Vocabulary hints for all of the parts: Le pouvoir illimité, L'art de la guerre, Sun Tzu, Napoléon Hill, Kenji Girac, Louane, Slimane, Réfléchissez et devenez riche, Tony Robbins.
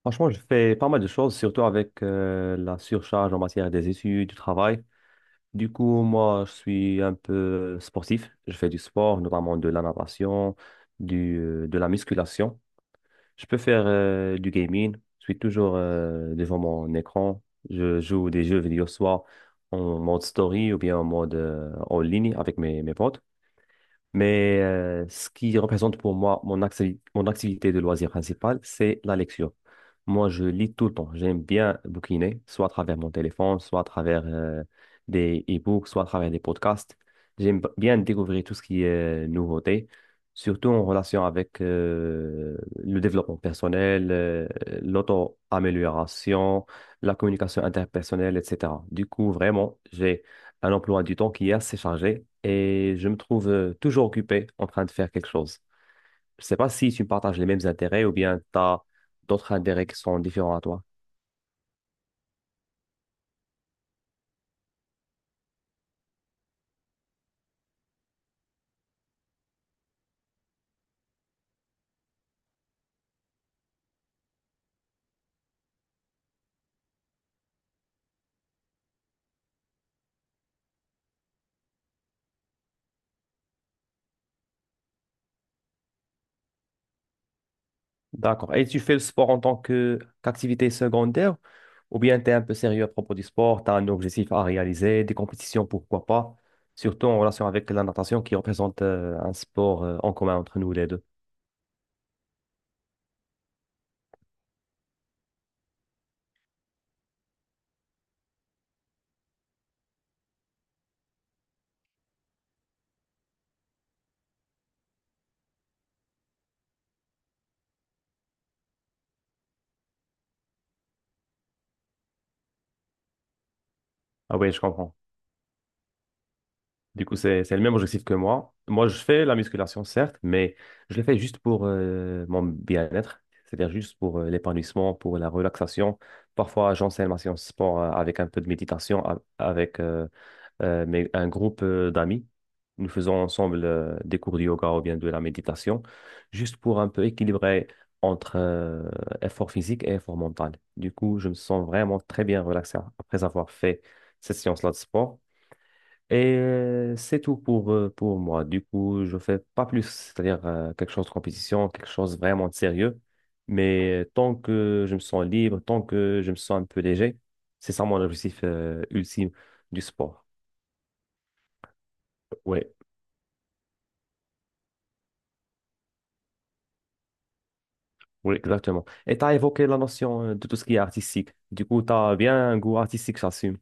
Franchement, je fais pas mal de choses, surtout avec la surcharge en matière des études, du travail. Du coup, moi, je suis un peu sportif. Je fais du sport, notamment de la natation, de la musculation. Je peux faire du gaming. Je suis toujours devant mon écran. Je joue des jeux vidéo, soit en mode story ou bien en mode en ligne avec mes potes. Ce qui représente pour moi mon activité de loisir principale, c'est la lecture. Moi, je lis tout le temps. J'aime bien bouquiner, soit à travers mon téléphone, soit à travers des e-books, soit à travers des podcasts. J'aime bien découvrir tout ce qui est nouveauté, surtout en relation avec le développement personnel, l'auto-amélioration, la communication interpersonnelle, etc. Du coup, vraiment, j'ai un emploi du temps qui est assez chargé et je me trouve toujours occupé en train de faire quelque chose. Je ne sais pas si tu partages les mêmes intérêts ou bien tu as d'autres intérêts qui sont différents à toi. D'accord. Et tu fais le sport en tant que qu'activité secondaire ou bien tu es un peu sérieux à propos du sport, tu as un objectif à réaliser, des compétitions, pourquoi pas, surtout en relation avec la natation qui représente un sport en commun entre nous les deux. Ah oui, je comprends. Du coup, c'est le même objectif que moi. Moi, je fais la musculation, certes, mais je le fais juste pour mon bien-être, c'est-à-dire juste pour l'épanouissement, pour la relaxation. Parfois, j'enseigne ma séance sport avec un peu de méditation, avec un groupe d'amis. Nous faisons ensemble des cours de yoga ou bien de la méditation, juste pour un peu équilibrer entre effort physique et effort mental. Du coup, je me sens vraiment très bien relaxé après avoir fait cette séance-là de sport. C'est tout pour moi. Du coup, je fais pas plus, c'est-à-dire quelque chose de compétition, quelque chose vraiment de sérieux. Mais tant que je me sens libre, tant que je me sens un peu léger, c'est ça mon objectif ultime du sport. Oui, oui, exactement. Et tu as évoqué la notion de tout ce qui est artistique. Du coup, tu as bien un goût artistique, j'assume.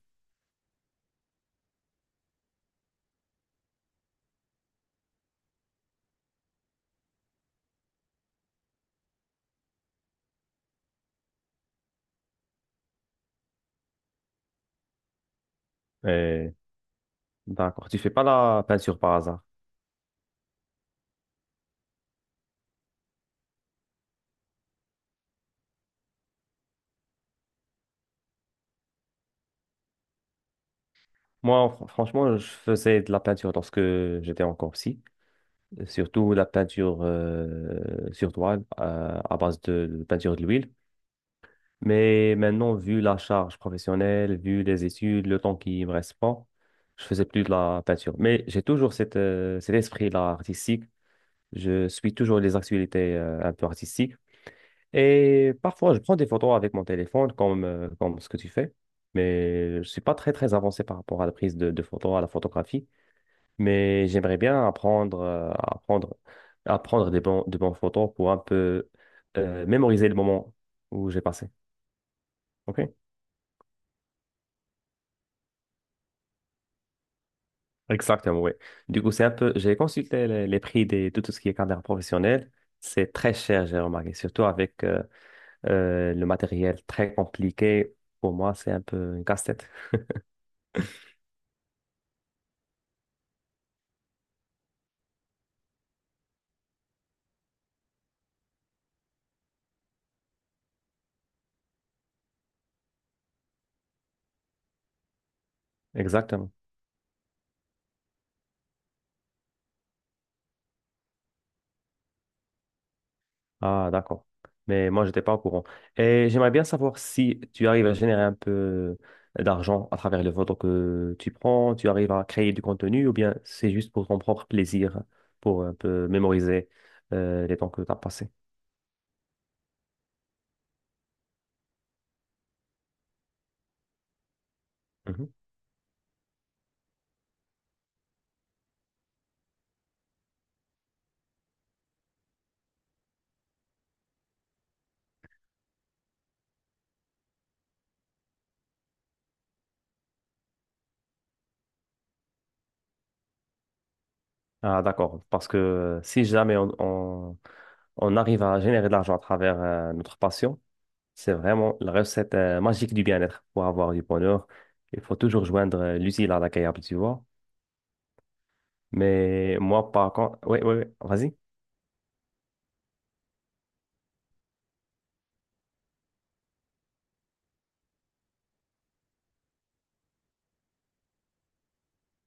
Et D'accord, tu fais pas la peinture par hasard. Moi, franchement, je faisais de la peinture lorsque j'étais encore petit, surtout la peinture sur toile à base de peinture de l'huile. Mais maintenant, vu la charge professionnelle, vu les études, le temps qui me reste pas, je faisais plus de la peinture. Mais j'ai toujours cette, cet esprit-là artistique. Je suis toujours les actualités un peu artistiques. Et parfois, je prends des photos avec mon téléphone, comme ce que tu fais. Mais je suis pas très, très avancé par rapport à la prise de photos, à la photographie, mais j'aimerais bien apprendre, à prendre des bons, de bons photos pour un peu mémoriser le moment où j'ai passé. OK? Exactement, oui. Du coup, c'est un peu, j'ai consulté les prix de tout ce qui est caméra professionnelle. C'est très cher, j'ai remarqué, surtout avec le matériel très compliqué. Pour moi, c'est un peu une casse-tête. Exactement. Ah, d'accord. Mais moi, je n'étais pas au courant. Et j'aimerais bien savoir si tu arrives à générer un peu d'argent à travers les photos que tu prends, tu arrives à créer du contenu ou bien c'est juste pour ton propre plaisir, pour un peu mémoriser les temps que tu as passés. Mhm. Ah, d'accord. Parce que si jamais on arrive à générer de l'argent à travers notre passion, c'est vraiment la recette magique du bien-être. Pour avoir du bonheur, il faut toujours joindre l'utile à l'agréable, tu vois. Mais moi, par contre, oui, oui, oui, vas-y.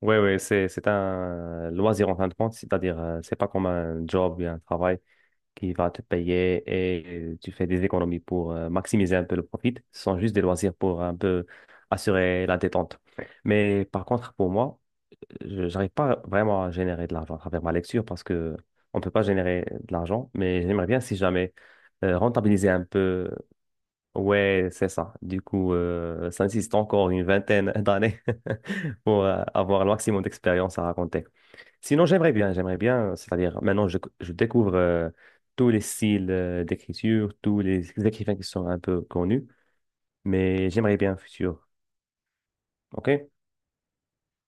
Oui, oui, c'est un loisir en fin de compte, c'est-à-dire, c'est pas comme un job ou un travail qui va te payer et tu fais des économies pour maximiser un peu le profit. Ce sont juste des loisirs pour un peu assurer la détente. Mais par contre, pour moi, je n'arrive pas vraiment à générer de l'argent à travers ma lecture parce que on peut pas générer de l'argent, mais j'aimerais bien, si jamais, rentabiliser un peu. Ouais, c'est ça. Du coup, ça nécessite encore une vingtaine d'années pour avoir le maximum d'expérience à raconter. Sinon, j'aimerais bien, c'est-à-dire maintenant, je découvre tous les styles d'écriture, tous les écrivains qui sont un peu connus, mais j'aimerais bien un futur. OK?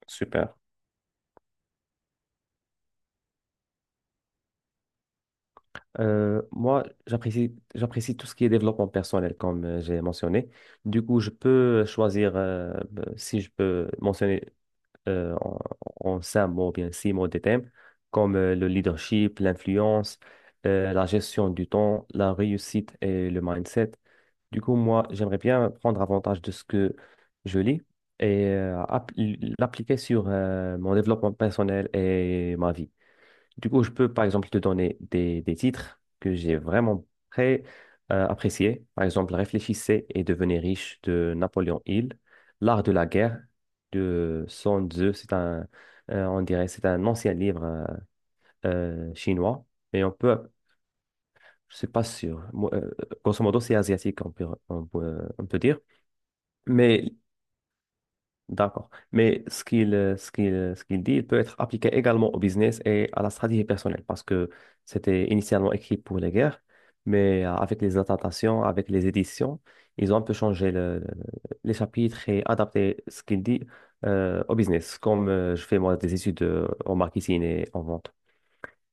Super. Moi, j'apprécie tout ce qui est développement personnel, comme j'ai mentionné. Du coup, je peux choisir, si je peux mentionner euh, en, en 5 mots, ou bien 6 mots de thèmes, comme le leadership, l'influence, la gestion du temps, la réussite et le mindset. Du coup, moi, j'aimerais bien prendre avantage de ce que je lis et l'appliquer sur mon développement personnel et ma vie. Du coup, je peux, par exemple, te donner des titres que j'ai vraiment très appréciés. Par exemple, Réfléchissez et devenez riche de Napoléon Hill, L'art de la guerre de Sun Tzu. On dirait, c'est un ancien livre chinois. Mais je ne suis pas sûr. Moi, grosso modo, c'est asiatique, on peut dire. Mais D'accord. Mais ce qu'il ce qu'il, ce qu'il dit, il peut être appliqué également au business et à la stratégie personnelle parce que c'était initialement écrit pour les guerres, mais avec les adaptations, avec les éditions, ils ont un peu changé les chapitres et adapté ce qu'il dit au business, comme je fais moi des études en marketing et en vente.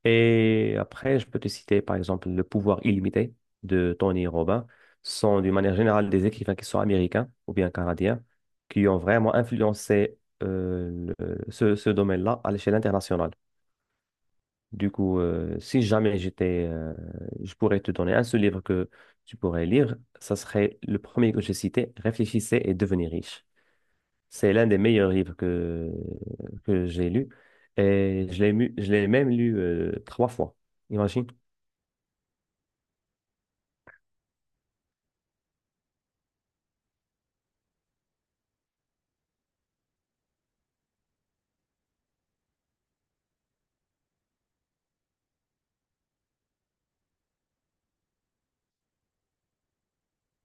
Et après, je peux te citer par exemple Le pouvoir illimité de Tony Robbins. Ce sont d'une manière générale des écrivains qui sont américains ou bien canadiens qui ont vraiment influencé ce domaine-là à l'échelle internationale. Du coup, si jamais je pourrais te donner un seul livre que tu pourrais lire, ça serait le premier que j'ai cité, Réfléchissez et devenez riche. C'est l'un des meilleurs livres que j'ai lu et je l'ai même lu 3 fois. Imagine.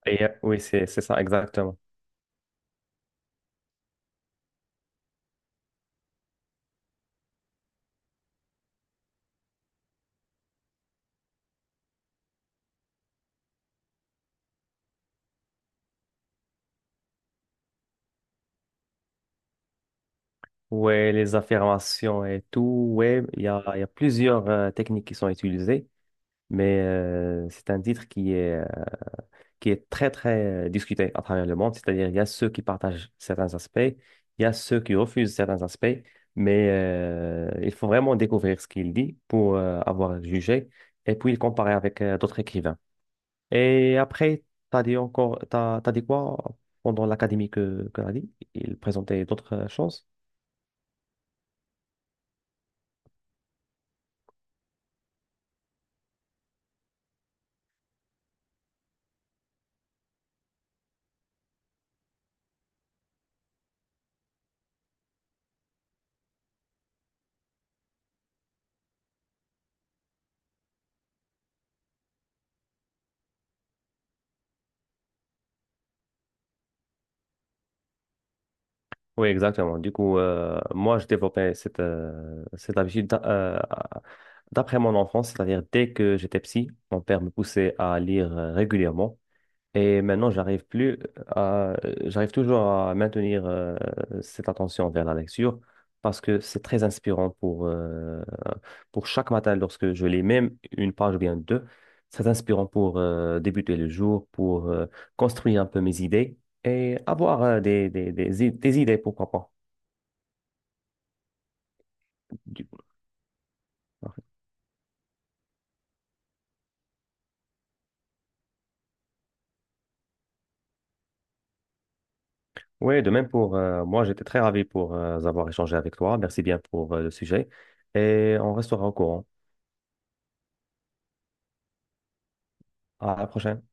Et, oui, c'est ça, exactement. Ouais, les affirmations et tout, ouais, il y a plusieurs techniques qui sont utilisées, mais c'est un titre qui est très, très discuté à travers le monde. C'est-à-dire, il y a ceux qui partagent certains aspects, il y a ceux qui refusent certains aspects, mais il faut vraiment découvrir ce qu'il dit pour avoir jugé et puis le comparer avec d'autres écrivains. Et après, t'as dit quoi pendant l'académie que t'as dit? Il présentait d'autres choses? Oui, exactement. Du coup, moi, je développais cette, cette habitude d'après mon enfance, c'est-à-dire dès que j'étais petit, mon père me poussait à lire régulièrement. Et maintenant, j'arrive toujours à maintenir cette attention vers la lecture parce que c'est très inspirant pour chaque matin lorsque je lis même une page ou bien deux. C'est inspirant pour débuter le jour, pour construire un peu mes idées et avoir des idées, pourquoi pas. Du- Oui, de même pour moi, j'étais très ravi pour avoir échangé avec toi. Merci bien pour le sujet et on restera au courant. À la prochaine.